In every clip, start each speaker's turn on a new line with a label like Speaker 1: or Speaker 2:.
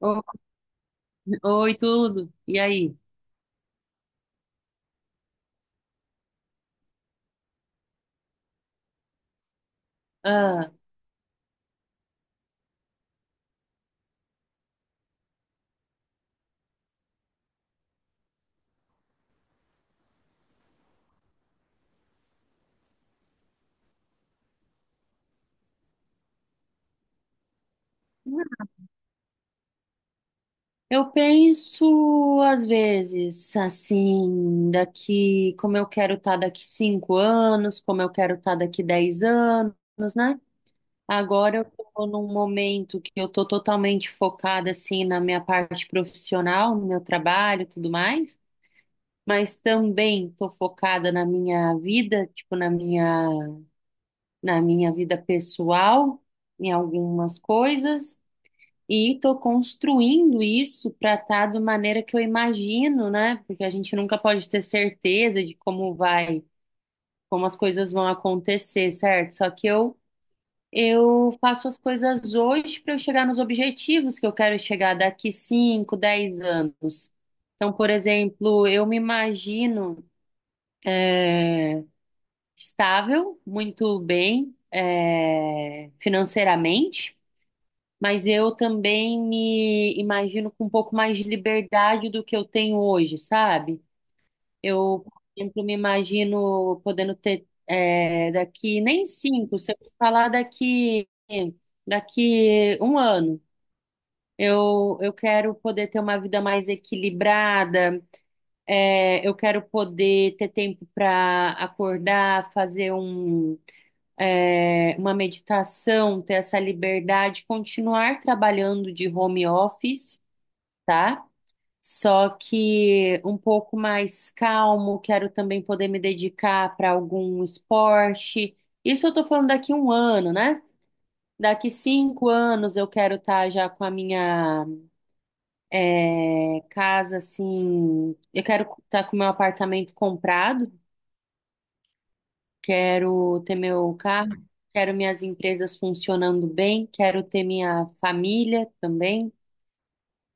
Speaker 1: O- Oi, tudo. E aí? Ah, eu penso, às vezes, assim, daqui, como eu quero estar daqui 5 anos, como eu quero estar daqui 10 anos, né? Agora eu estou num momento que eu estou totalmente focada, assim, na minha parte profissional, no meu trabalho e tudo mais, mas também estou focada na minha vida, tipo, na minha vida pessoal, em algumas coisas. E estou construindo isso para estar da maneira que eu imagino, né? Porque a gente nunca pode ter certeza de como as coisas vão acontecer, certo? Só que eu faço as coisas hoje para eu chegar nos objetivos que eu quero chegar daqui 5, 10 anos. Então, por exemplo, eu me imagino estável, muito bem, financeiramente. Mas eu também me imagino com um pouco mais de liberdade do que eu tenho hoje, sabe? Eu, por exemplo, me imagino podendo ter daqui nem cinco, se eu te falar daqui um ano, eu quero poder ter uma vida mais equilibrada, eu quero poder ter tempo para acordar, fazer uma meditação, ter essa liberdade, continuar trabalhando de home office, tá? Só que um pouco mais calmo, quero também poder me dedicar para algum esporte. Isso eu tô falando daqui um ano, né? Daqui cinco anos eu quero estar já com a minha casa, assim. Eu quero estar com o meu apartamento comprado, quero ter meu carro, quero minhas empresas funcionando bem, quero ter minha família também.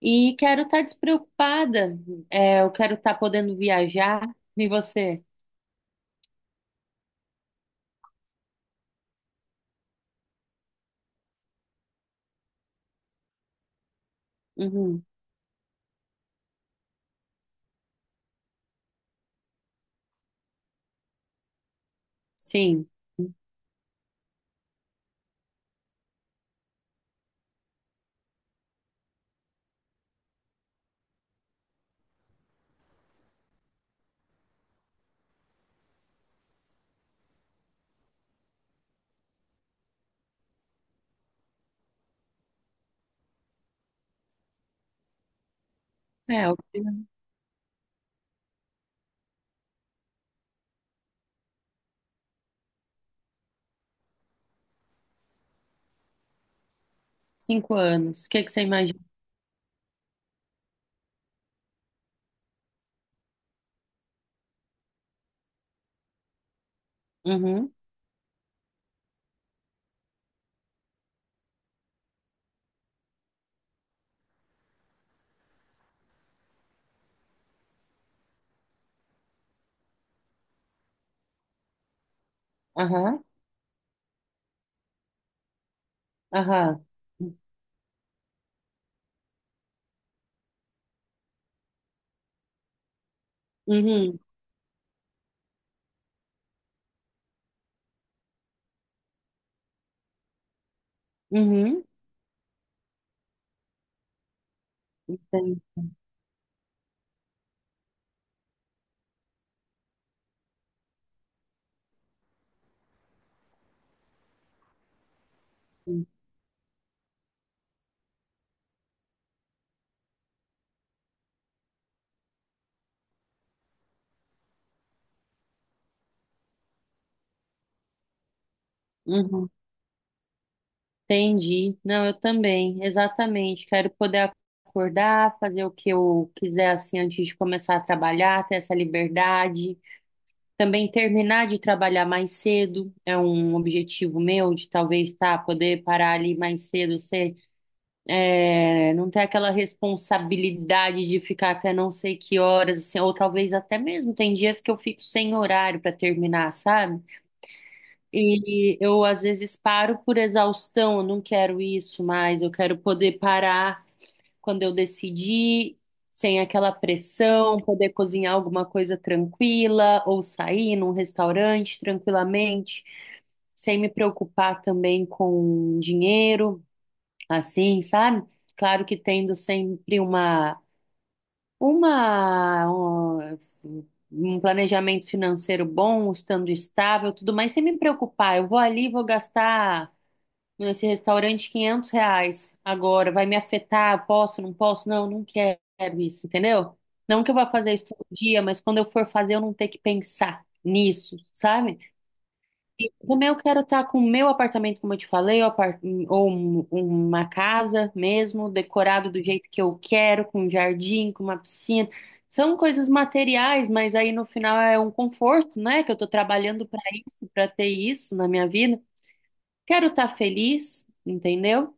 Speaker 1: E quero estar despreocupada. É, eu quero estar podendo viajar. E você? Uhum. Sim. É, eu tenho 5 anos. O que que você imagina? Uhum. Aham. Aham. Uhum. Uhum. Entendi. Uhum. Entendi. Não, eu também. Exatamente. Quero poder acordar, fazer o que eu quiser assim antes de começar a trabalhar, ter essa liberdade. Também terminar de trabalhar mais cedo é um objetivo meu, de talvez tá, poder parar ali mais cedo, não ter aquela responsabilidade de ficar até não sei que horas, assim, ou talvez até mesmo tem dias que eu fico sem horário para terminar, sabe? E eu às vezes paro por exaustão, eu não quero isso mais, eu quero poder parar quando eu decidi, sem aquela pressão, poder cozinhar alguma coisa tranquila ou sair num restaurante tranquilamente, sem me preocupar também com dinheiro, assim, sabe? Claro que tendo sempre uma um um planejamento financeiro bom, estando estável, tudo mais, sem me preocupar, eu vou ali, vou gastar esse restaurante, R$ 500. Agora, vai me afetar? Posso? Não, não quero isso, entendeu? Não que eu vá fazer isso todo dia, mas quando eu for fazer, eu não ter que pensar nisso, sabe? E também eu quero estar com o meu apartamento, como eu te falei, ou uma casa mesmo, decorado do jeito que eu quero, com um jardim, com uma piscina. São coisas materiais, mas aí no final é um conforto, né? Que eu tô trabalhando para isso, para ter isso na minha vida. Quero estar feliz, entendeu?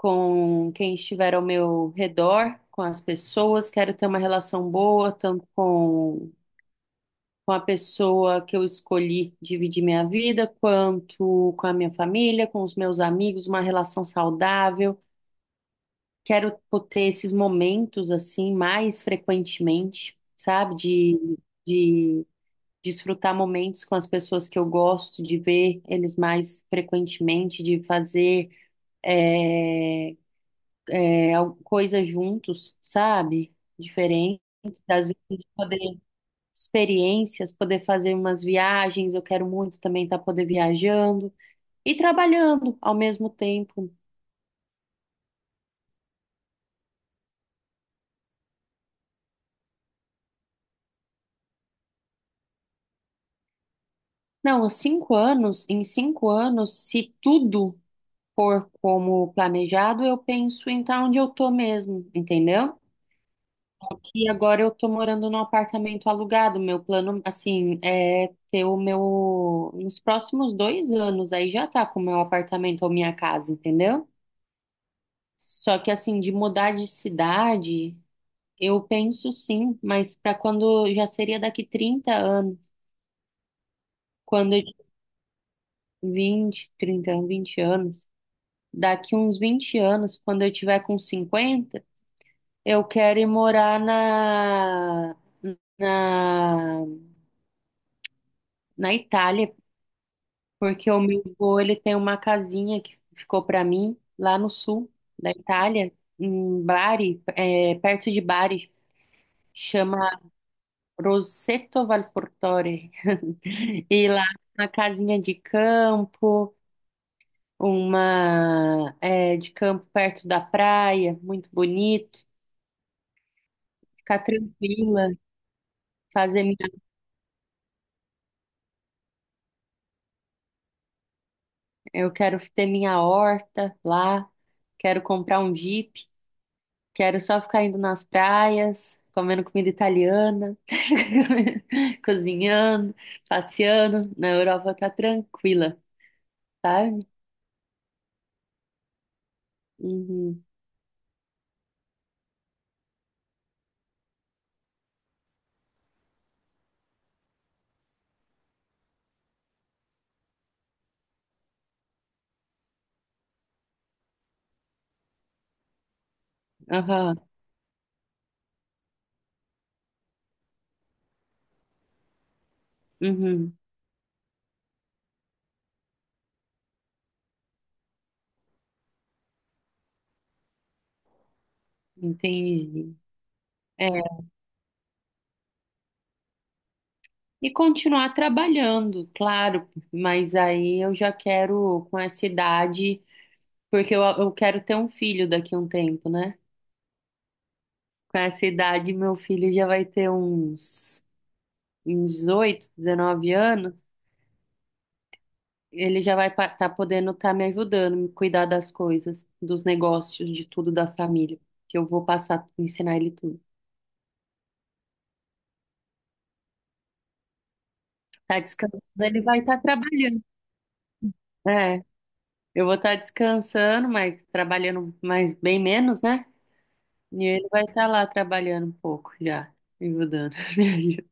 Speaker 1: Com quem estiver ao meu redor, com as pessoas, quero ter uma relação boa, tanto com a pessoa que eu escolhi dividir minha vida, quanto com a minha família, com os meus amigos, uma relação saudável. Quero ter esses momentos assim mais frequentemente, sabe? De desfrutar momentos com as pessoas que eu gosto, de ver eles mais frequentemente, de fazer eh, coisas juntos, sabe? Diferentes, às vezes de poder experiências, poder fazer umas viagens, eu quero muito também estar poder viajando e trabalhando ao mesmo tempo. Não, os 5 anos, em 5 anos, se tudo for como planejado, eu penso em estar onde eu tô mesmo, entendeu? E agora eu tô morando num apartamento alugado. Meu plano, assim, é ter o meu. Nos próximos 2 anos aí já tá com o meu apartamento ou minha casa, entendeu? Só que, assim, de mudar de cidade, eu penso sim, mas pra quando. Já seria daqui 30 anos. Quando eu. Vinte, trinta 30, 20 anos. Daqui uns 20 anos, quando eu tiver com 50, eu quero ir morar Na, na Itália, porque o meu avô, ele tem uma casinha que ficou para mim lá no sul da Itália, em Bari, perto de Bari, chama Roseto Valfortore. E lá uma casinha de campo, de campo perto da praia, muito bonito, ficar tranquila, fazer minha, eu quero ter minha horta lá, quero comprar um Jeep. Quero só ficar indo nas praias, comendo comida italiana, cozinhando, passeando. Na Europa tá tranquila, sabe? Uhum. Aham. Uhum. Entendi. É. E continuar trabalhando, claro, mas aí eu já quero com essa idade, porque eu quero ter um filho daqui a um tempo, né? Com essa idade, meu filho já vai ter uns 18, 19 anos. Ele já vai estar tá podendo estar me ajudando, me cuidar das coisas, dos negócios, de tudo da família, que eu vou passar, ensinar ele tudo. Tá descansando, ele vai estar trabalhando. É, eu vou estar descansando, mas trabalhando mais, bem menos, né? E ele vai estar lá trabalhando um pouco já, me ajudando, me ajuda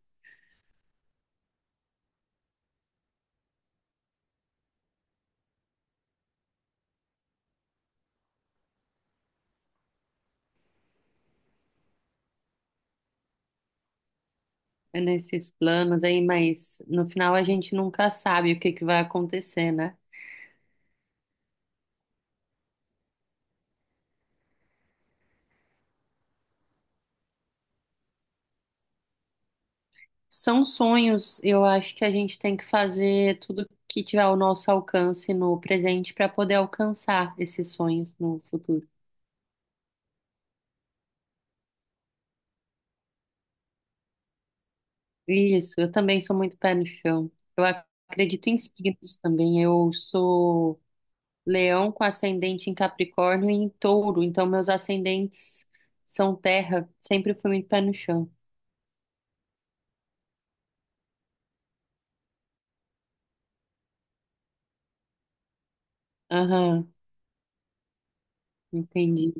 Speaker 1: nesses planos aí, mas no final a gente nunca sabe o que que vai acontecer, né? São sonhos, eu acho que a gente tem que fazer tudo que tiver ao nosso alcance no presente para poder alcançar esses sonhos no futuro. Isso, eu também sou muito pé no chão. Eu acredito em signos também. Eu sou leão com ascendente em Capricórnio e em touro, então meus ascendentes são terra. Sempre fui muito pé no chão. Aham, entendi.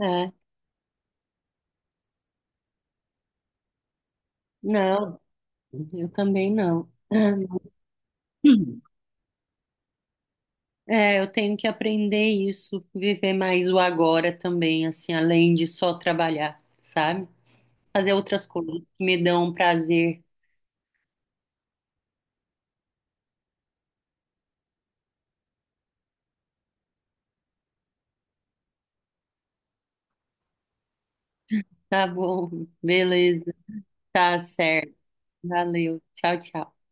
Speaker 1: É, não, eu também não. É, eu tenho que aprender isso, viver mais o agora também, assim, além de só trabalhar, sabe? Fazer outras coisas que me dão prazer. Tá bom, beleza, tá certo. Valeu, tchau, tchau.